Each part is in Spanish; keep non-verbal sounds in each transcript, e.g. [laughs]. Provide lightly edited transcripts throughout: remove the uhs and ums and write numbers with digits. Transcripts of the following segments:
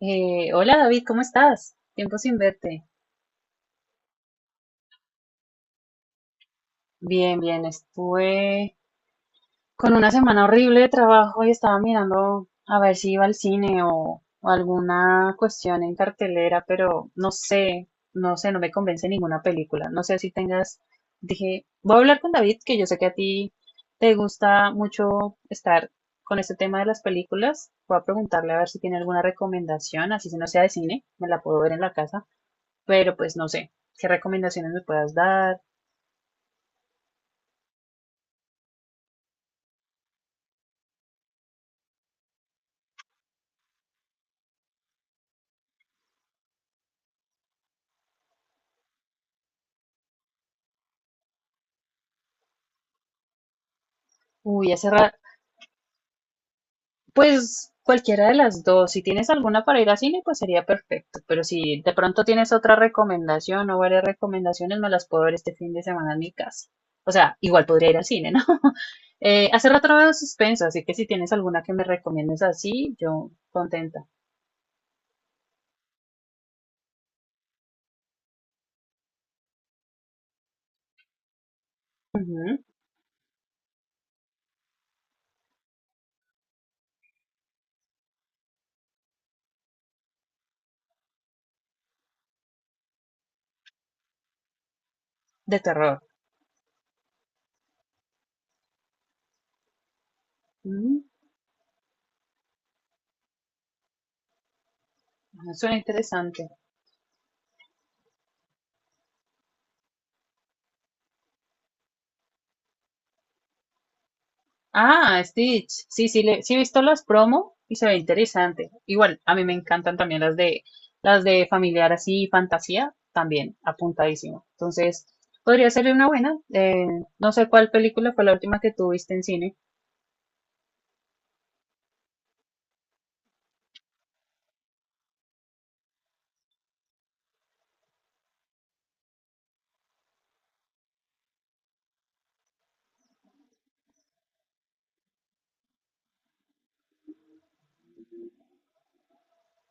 Hola, David, ¿cómo estás? Tiempo sin verte. Bien, bien, estuve con una semana horrible de trabajo y estaba mirando a ver si iba al cine o alguna cuestión en cartelera, pero no sé, no sé, no me convence ninguna película. No sé si tengas, dije, voy a hablar con David, que yo sé que a ti te gusta mucho estar con este tema de las películas. Voy a preguntarle a ver si tiene alguna recomendación, así si no sea de cine, me la puedo ver en la casa. Pero pues no sé, ¿qué recomendaciones me puedas dar? Uy, hace rato, pues cualquiera de las dos, si tienes alguna para ir a cine, pues sería perfecto, pero si de pronto tienes otra recomendación o varias recomendaciones, me las puedo ver este fin de semana en mi casa. O sea, igual podría ir al cine, ¿no? [laughs] Hace rato no veo suspenso, así que si tienes alguna que me recomiendes así, yo contenta. Ujú. De terror. Mm, suena interesante. Ah, Stitch. Sí, sí, le, sí he visto las promo y se ve interesante. Igual, a mí me encantan también las de familiar así, fantasía, también apuntadísimo. Entonces, podría ser una buena. No sé cuál película fue la última que tuviste en cine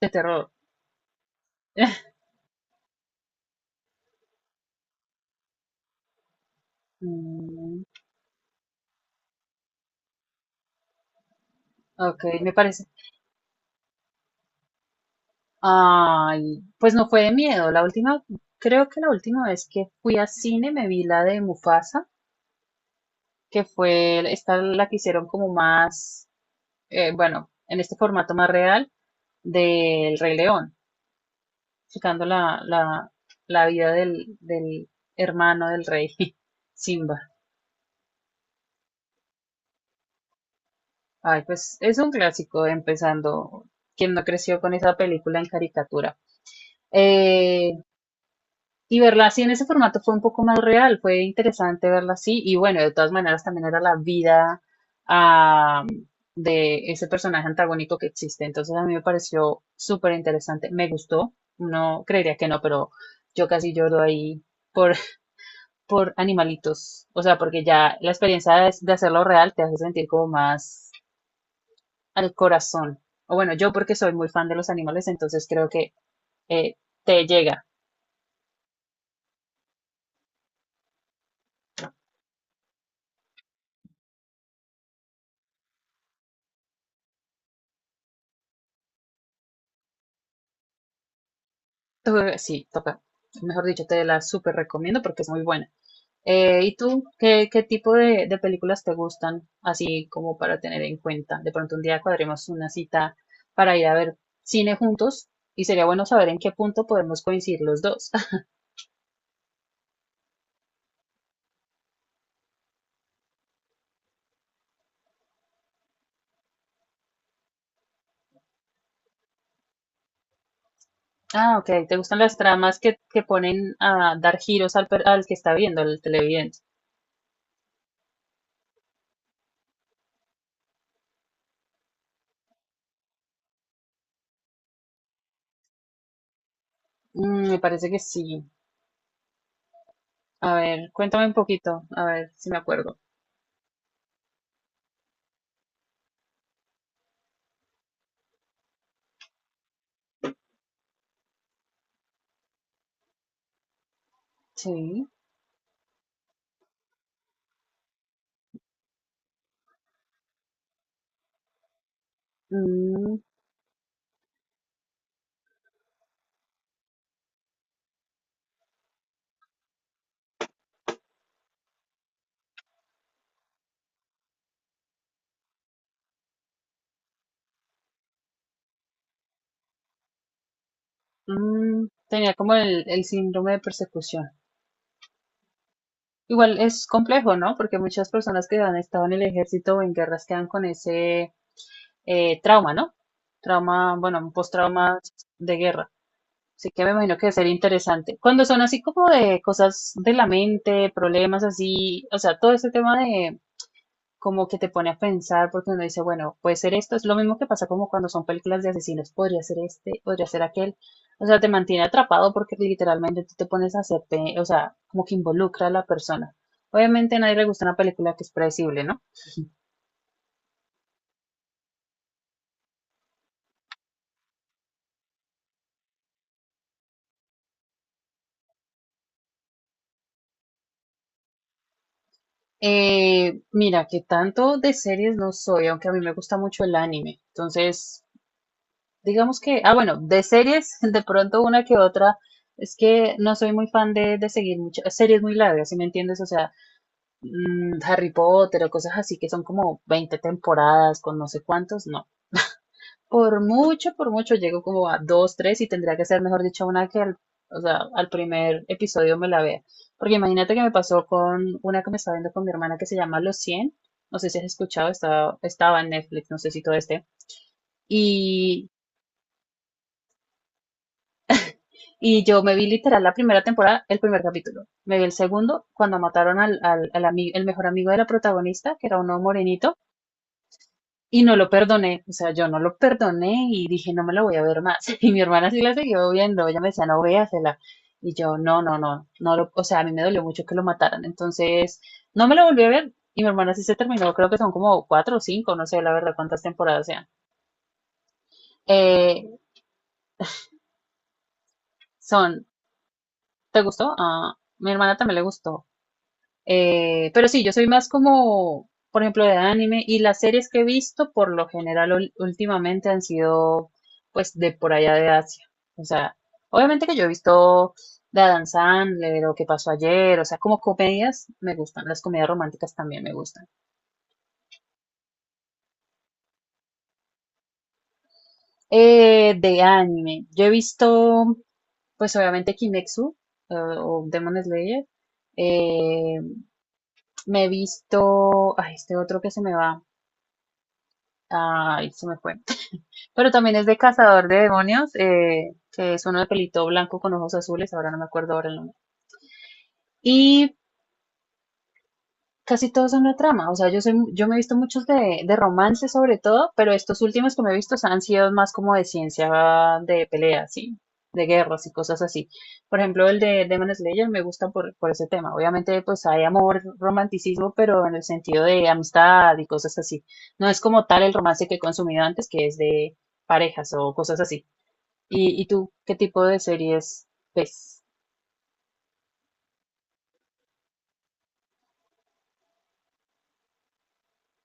de terror. [laughs] Mm, ok, me parece. Ay, pues no fue de miedo. La última, creo que la última vez que fui a cine me vi la de Mufasa, que fue esta la que hicieron como más bueno, en este formato más real del Rey León, explicando la vida del hermano del rey, [laughs] Simba. Ay, pues es un clásico, empezando, quien no creció con esa película en caricatura. Eh, Y verla así en ese formato fue un poco más real, fue interesante verla así. Y bueno, de todas maneras también era la vida ah, de ese personaje antagónico que existe. Entonces a mí me pareció súper interesante, me gustó. No creería que no, pero yo casi lloro ahí por, [laughs] por animalitos. O sea, porque ya la experiencia de hacerlo real te hace sentir como más al corazón. O bueno, yo porque soy muy fan de los animales, entonces creo que eh, te llega to- sí, toca. Mejor dicho, te la súper recomiendo porque es muy buena. ¿Y tú qué, qué tipo de películas te gustan? Así como para tener en cuenta. De pronto un día cuadremos una cita para ir a ver cine juntos y sería bueno saber en qué punto podemos coincidir los dos. [laughs] Ah, ok. ¿Te gustan las tramas que ponen a dar giros al, per- al que está viendo, al televidente? Mm, me parece que sí. A ver, cuéntame un poquito, a ver si me acuerdo. Sí. Mm, tenía como el síndrome de persecución. Igual es complejo, ¿no? Porque muchas personas que han estado en el ejército o en guerras quedan con ese trauma, ¿no? Trauma, bueno, un postrauma de guerra. Así que me imagino que debe ser interesante. Cuando son así como de cosas de la mente, problemas así, o sea, todo ese tema de, como que te pone a pensar porque uno dice, bueno, puede ser esto, es lo mismo que pasa como cuando son películas de asesinos, podría ser este, podría ser aquel, o sea, te mantiene atrapado porque literalmente tú te pones a hacer, pe- o sea, como que involucra a la persona. Obviamente a nadie le gusta una película que es predecible, ¿no? Mira, que tanto de series no soy, aunque a mí me gusta mucho el anime. Entonces, digamos que, ah, bueno, de series, [laughs] de pronto una que otra, es que no soy muy fan de seguir muchas series muy largas, ¿si me entiendes? O sea, mm, Harry Potter o cosas así que son como 20 temporadas con no sé cuántos, no. Por mucho llego como a dos, tres y tendría que ser, mejor dicho, una que al, o sea, al primer episodio me la vea. Porque imagínate que me pasó con una que me estaba viendo con mi hermana que se llama Los cien. No sé si has escuchado, estaba, estaba en Netflix, no sé si todo este. Y, y yo me vi literal la primera temporada, el primer capítulo. Me vi el segundo cuando mataron al ami- el mejor amigo de la protagonista, que era uno morenito. Y no lo perdoné, o sea, yo no lo perdoné y dije, no me lo voy a ver más. [laughs] Y mi hermana sí la siguió viendo, ella me decía, no véasela. Y yo, no, no, no, no lo, o sea, a mí me dolió mucho que lo mataran. Entonces, no me lo volví a ver y mi hermana sí se terminó, creo que son como cuatro o cinco, no sé la verdad cuántas temporadas sean. Eh, son, ¿te gustó? Ah, mi hermana también le gustó. Pero sí, yo soy más como, por ejemplo, de anime y las series que he visto por lo general ul- últimamente han sido pues de por allá de Asia. O sea, obviamente que yo he visto The Adam Sandler o Qué pasó ayer, o sea, como comedias me gustan, las comedias románticas también me gustan. De anime, yo he visto pues obviamente Kimetsu o Demon Slayer. Eh, me he visto, ay, este otro que se me va, ay, se me fue. Pero también es de Cazador de Demonios, que es uno de pelito blanco con ojos azules, ahora no me acuerdo ahora el nombre. Y casi todos son la trama, o sea, yo, soy, yo me he visto muchos de romance sobre todo, pero estos últimos que me he visto han sido más como de ciencia, de peleas, sí, de guerras y cosas así. Por ejemplo, el de Demon Slayer me gusta por ese tema. Obviamente, pues hay amor, romanticismo, pero en el sentido de amistad y cosas así. No es como tal el romance que he consumido antes, que es de parejas o cosas así. Y tú qué tipo de series ves?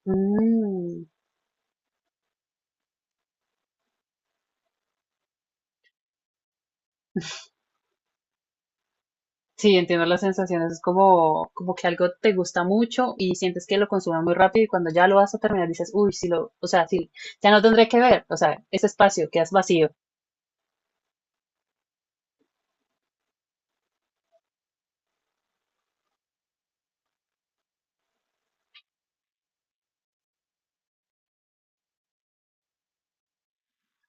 Mm, sí, entiendo las sensaciones. Es como, como que algo te gusta mucho y sientes que lo consumas muy rápido y cuando ya lo vas a terminar dices, uy, sí lo, o sea, sí, ya no tendré que ver. O sea, ese espacio quedas vacío.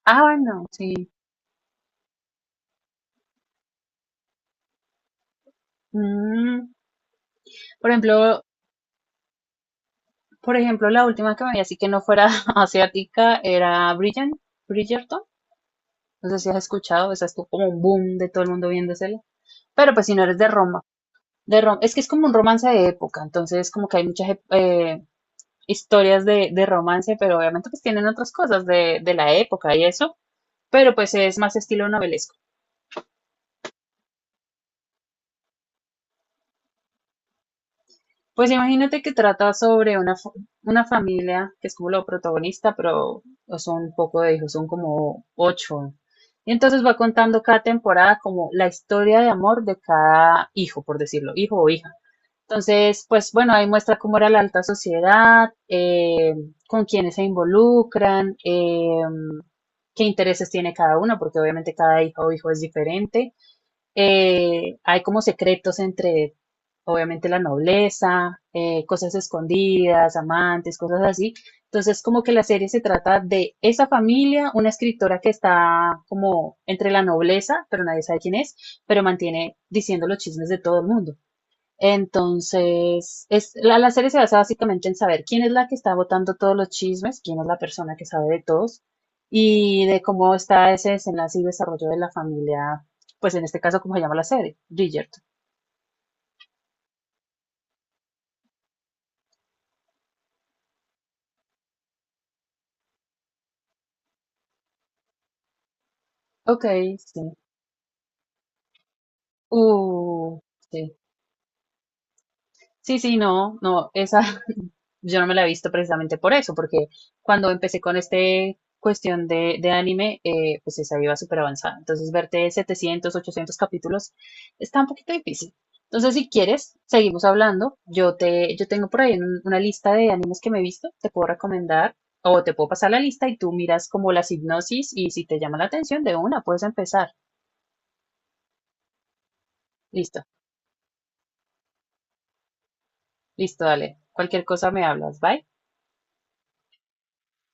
Ah, bueno, sí. Mm, por ejemplo, la última que me vi así que no fuera [laughs] asiática era Bridgerton. Bridgerton. No sé si has escuchado, esa estuvo como un boom de todo el mundo viéndosela. Pero pues si no eres de Roma, de rom- es que es como un romance de época, entonces como que hay muchas ep- historias de romance, pero obviamente pues tienen otras cosas de la época y eso, pero pues es más estilo novelesco. Pues imagínate que trata sobre una, fa- una familia que es como lo protagonista, pero son un poco de hijos, son como ocho. Y entonces va contando cada temporada como la historia de amor de cada hijo, por decirlo, hijo o hija. Entonces, pues bueno, ahí muestra cómo era la alta sociedad, con quiénes se involucran, qué intereses tiene cada uno, porque obviamente cada hija o hijo es diferente. Hay como secretos entre, obviamente, la nobleza, cosas escondidas, amantes, cosas así. Entonces, como que la serie se trata de esa familia, una escritora que está como entre la nobleza, pero nadie sabe quién es, pero mantiene diciendo los chismes de todo el mundo. Entonces, es, la serie se basa básicamente en saber quién es la que está botando todos los chismes, quién es la persona que sabe de todos y de cómo está ese desenlace y desarrollo de la familia, pues en este caso, como se llama la serie, Bridgerton. Ok, sí. Uh, sí. Sí, sí, no, no, esa yo no me la he visto precisamente por eso, porque cuando empecé con este cuestión de anime, pues esa iba súper avanzada. Entonces, verte 700, 800 capítulos está un poquito difícil. Entonces, si quieres, seguimos hablando. Yo te, yo tengo por ahí un- una lista de animes que me he visto, te puedo recomendar o te puedo pasar la lista y tú miras como las hipnosis y si te llama la atención de una, puedes empezar. Listo, listo, dale. Cualquier cosa me hablas. Bye.